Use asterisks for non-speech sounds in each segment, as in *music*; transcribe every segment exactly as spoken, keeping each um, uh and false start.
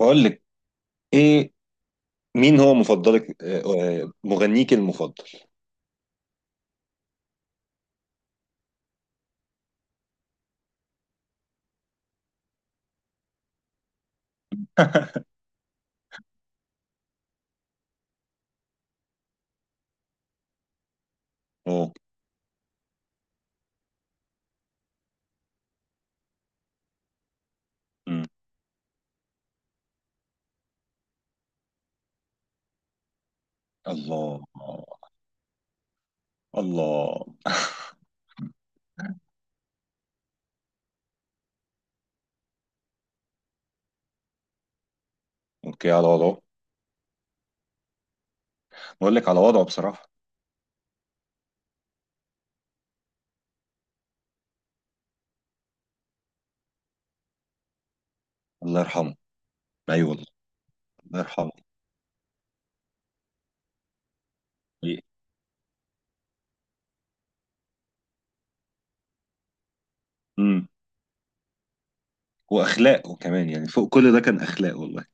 بقول لك ايه؟ مين هو مفضلك آه، آه، مغنيك المفضل؟ *laughs* اوه. أمم. الله الله. اوكي على وضعه. بقول لك على وضعه بصراحة. الله يرحمه. ايوه والله. الله يرحمه. إيه. امم. واخلاقه كمان، يعني فوق كل ده كان اخلاق والله.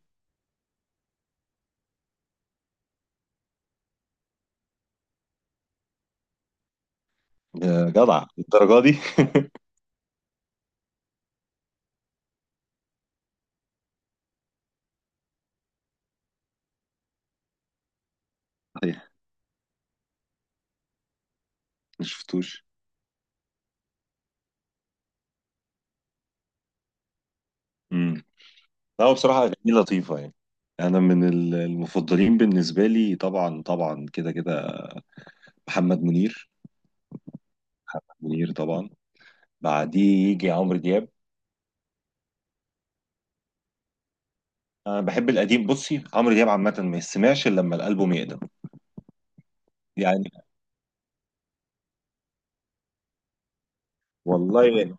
يا جدع، الدرجة دي؟ *laughs* صحيح. ما شفتوش. امم. لا، هو بصراحة اغانيه لطيفة يعني. انا من ال- المفضلين بالنسبة لي طبعا طبعا، كده كده محمد منير. منير طبعا، بعديه يجي عمرو دياب. انا بحب القديم. بصي، عمرو دياب عامه ما يسمعش الا لما الالبوم يقدم. يعني والله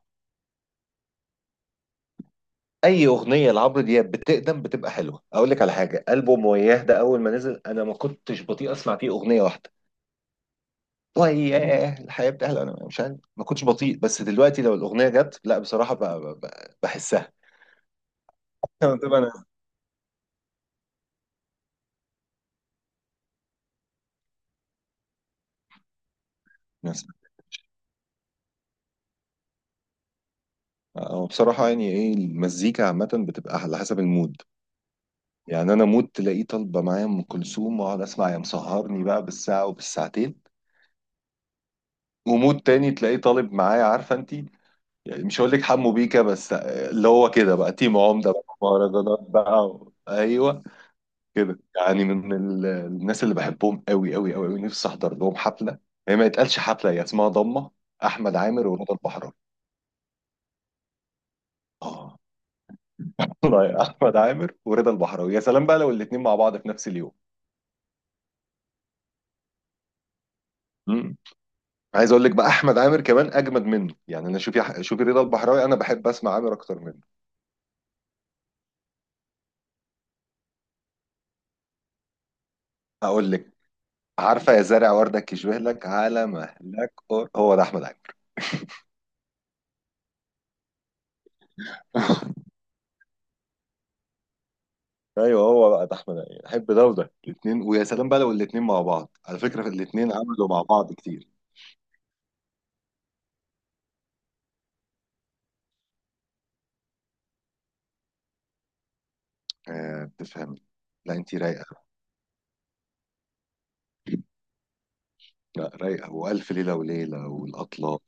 اي اغنيه لعمرو دياب بتقدم بتبقى حلوه. اقول لك على حاجه، البوم وياه ده اول ما نزل انا ما كنتش بطيء اسمع فيه اغنيه واحده. وياه، الحياه بتحلى، انا مش عارف، ما كنتش بطيء. بس دلوقتي لو الاغنيه جت لا بصراحه ب- ب- ب- بحسها. *laughs* طبعا مثلا. أو بصراحه يعني ايه، المزيكا عامه بتبقى على حسب المود. يعني انا مود تلاقيه طالبه معايا ام كلثوم، واقعد اسمع يا مسهرني بقى بالساعه وبالساعتين. ومود تاني تلاقيه طالب معايا، عارفه انت، يعني مش هقول لك حمو بيكا، بس اللي هو كده بقى تيم عمده بقى، مهرجانات بقى و... ايوه، كده يعني. من ال... الناس اللي بحبهم قوي قوي قوي قوي، نفسي احضر لهم حفله. هي ما يتقالش حفله، هي اسمها ضمه. احمد عامر ورضا البحراوي. اه. *laughs* والله يا احمد عامر ورضا البحراوي، يا سلام بقى لو الاثنين مع بعض في نفس اليوم. مم. عايز اقول لك بقى، احمد عامر كمان اجمد منه يعني. انا شوفي شوفي رضا البحراوي، انا بحب اسمع عامر اكتر منه. اقول لك، عارفة يا زارع وردك يشبه لك على مهلك أر- هو ده أحمد عيد. ايوه، هو بقى ده احمد عيد، احب ده وده الاثنين، ويا سلام بقى لو الاثنين مع بعض. على فكرة، الاثنين عملوا مع بعض كتير. آه، بتفهم. لا، انتي رايقة. لا رايقة، وألف ليلة وليلة والأطلال.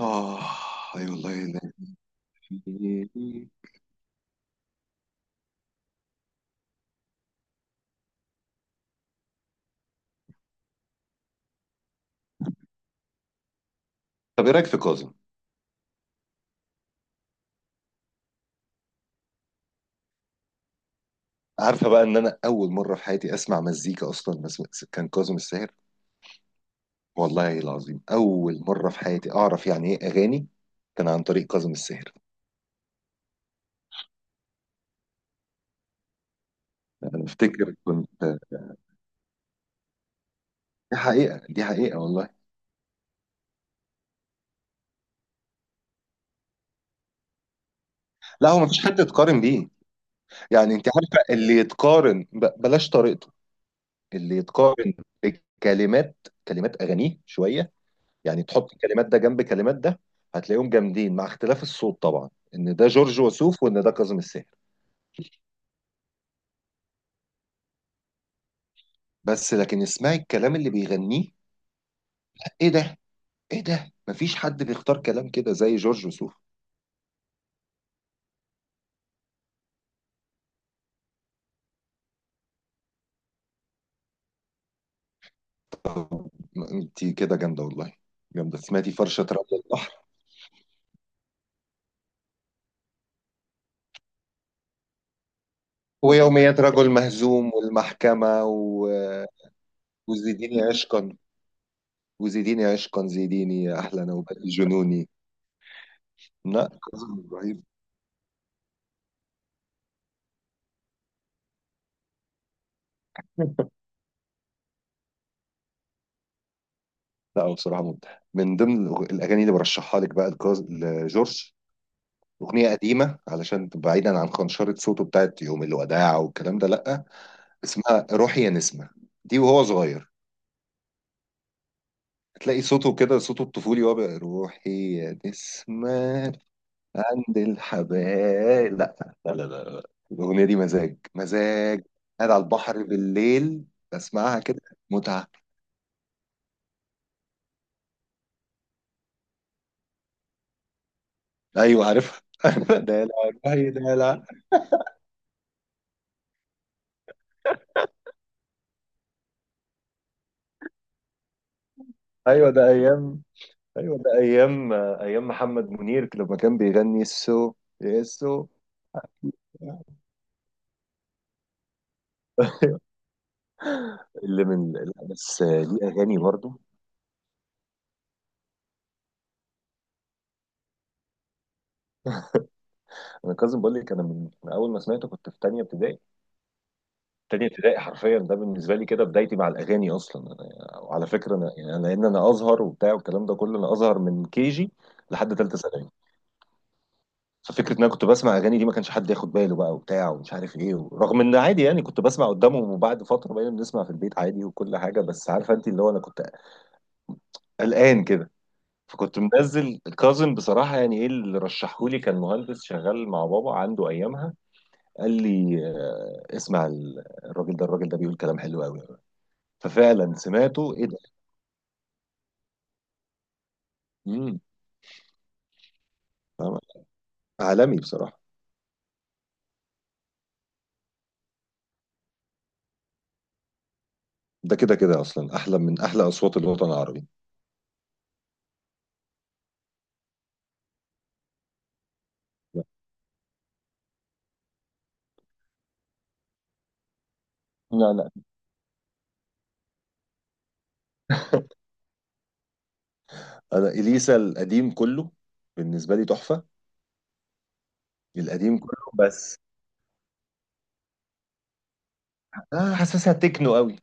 آه. أي والله. لا، في- طب إيه رأيك في كاظم؟ عارفة بقى إن أنا أول مرة في حياتي أسمع مزيكا أصلا بس كان كاظم الساهر. والله العظيم أول مرة في حياتي أعرف يعني إيه أغاني، كان عن طريق كاظم الساهر. أنا أفتكر كنت، دي حقيقة، دي حقيقة والله. لا هو مفيش حد يتقارن بيه. يعني أنت عارفة، اللي يتقارن ب- بلاش طريقته، اللي يتقارن بكلمات، كلمات أغانيه شوية. يعني تحط كلمات ده جنب كلمات ده، هتلاقيهم جامدين مع اختلاف الصوت طبعا، إن ده جورج وسوف وإن ده كاظم الساهر. بس لكن اسمعي الكلام اللي بيغنيه، إيه ده، إيه ده! مفيش حد بيختار كلام كده زي جورج وسوف. طب، انت كده جامده والله. جامده، سمعتي فرشه رجل البحر، ويوميات رجل مهزوم، والمحكمه و... وزيديني عشقا. وزيديني عشقا، زيديني يا احلى نوبه جنوني. لا، كاظم ابراهيم، لا. هو بصراحه مبدع. من ضمن الأغ- الاغاني اللي برشحها لك بقى لكاظ- لجورج، اغنيه قديمه علشان تبقى بعيدا عن خنشره صوته بتاعت يوم الوداع والكلام ده، لا. اسمها روحي يا نسمه، دي وهو صغير. هتلاقي صوته كده، صوته الطفولي، وهو بقى روحي يا نسمة عند الحبايب. لا لا لا لا لا. الأغنية دي مزاج مزاج. قاعد على البحر بالليل بسمعها كده، متعة. أيوة عارفها. *laughs* ده لا. أيوة ده، لا. أيوة ده أيام. أيوة ده أيام، أيام محمد منير لما كان بيغني السو، السو. أيوة. اللي من لا، بس ليه أغاني برضه. أنا كاظم بقول لك، أنا من من أول ما سمعته كنت في تانية ابتدائي، تاني ابتدائي حرفيا. ده بالنسبه لي كده بدايتي مع الاغاني اصلا. انا، وعلى فكره، انا يعني انا ان انا ازهر وبتاع والكلام ده كله. انا ازهر من كي جي لحد ثالثه ثانوي. ففكره ان انا كنت بسمع اغاني دي ما كانش حد ياخد باله بقى وبتاع ومش عارف ايه. رغم ان عادي يعني كنت بسمع قدامهم، وبعد فتره بقينا بنسمع في البيت عادي وكل حاجه. بس عارفه انت، اللي هو انا كنت قلقان كده، فكنت منزل كاظم بصراحه. يعني ايه اللي رشحهولي؟ كان مهندس شغال مع بابا عنده ايامها، قال لي آه، اسمع ال- الراجل ده الراجل ده بيقول كلام حلو قوي. ففعلا سمعته، ايه ده! امم. فاهم؟ عالمي بصراحه. ده كده كده اصلا، احلى من احلى اصوات الوطن العربي. لا لا لا. انا اليسا القديم كله بالنسبه لي تحفه. القديم كله بس، آه، حاسسها تكنو قوي.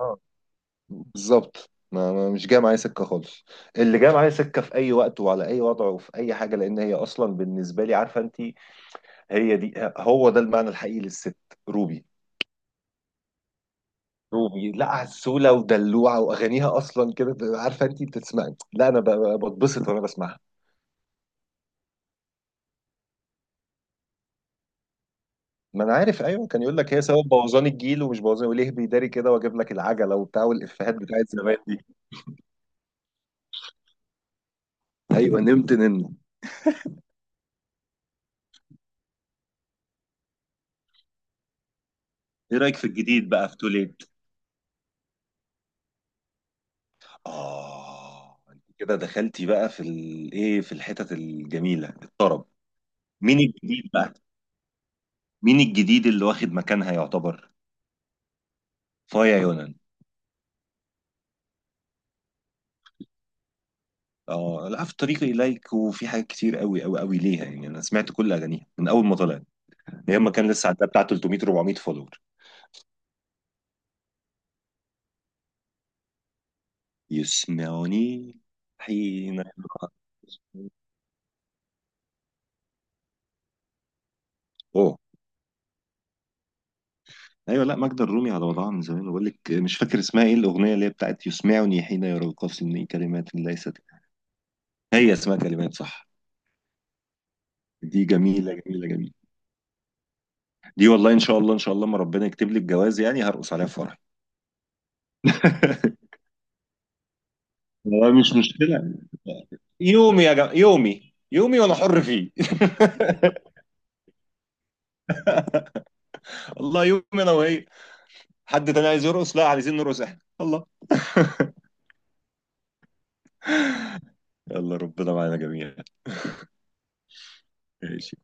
اه، بالظبط. ما ما- مش جايه معايا سكه خالص. اللي جايه معايا سكه في اي وقت وعلى اي وضع وفي اي حاجه، لان هي اصلا بالنسبه لي، عارفه انت، هي دي هو ده المعنى الحقيقي للست، روبي. روبي لا، عسولة ودلوعة، وأغانيها أصلا كده بتبقى، عارفة أنت بتسمعي، لا أنا ب- ب- بتبسط وأنا بسمعها. ما أنا عارف. أيوه، كان يقول لك هي سبب بوظان الجيل، ومش بوظان وليه بيداري كده وأجيب لك العجلة وبتاع، والإفيهات بتاعت زمان دي. أيوه، نمت نمت. إيه رأيك في الجديد بقى في توليت؟ آه، أنت كده دخلتي بقى في الإيه، في الحتت الجميلة، الطرب. مين الجديد بقى؟ مين الجديد اللي واخد مكانها يعتبر؟ فايا يونس. اه لا، في طريقي اليك، وفي حاجات كتير قوي قوي قوي ليها يعني. انا سمعت كل اغانيها من اول ما طلعت، هي اما كان لسه عندها بتاع تلت ميه اربع ميه فولور. يسمعوني، حين يقع- اوه. ايوه، لا، ماجدة الرومي على وضعها من زمان. بقول لك مش فاكر اسمها ايه الاغنيه، اللي هي بتاعت يسمعني حين يرقصني، كلمات ليست. هي اسمها كلمات، صح؟ دي جميله جميله جميله. دي والله ان شاء الله، ان شاء الله ما ربنا يكتب لي الجواز، يعني هرقص عليها في فرح. *laughs* هو مش مشكلة. يومي يا جماعة، يومي يومي وانا حر فيه. *laughs* الله يومي انا وهي. حد تاني عايز يرقص؟ لا، عايزين نرقص احنا، الله. يلا، ربنا معانا جميعا. ماشي.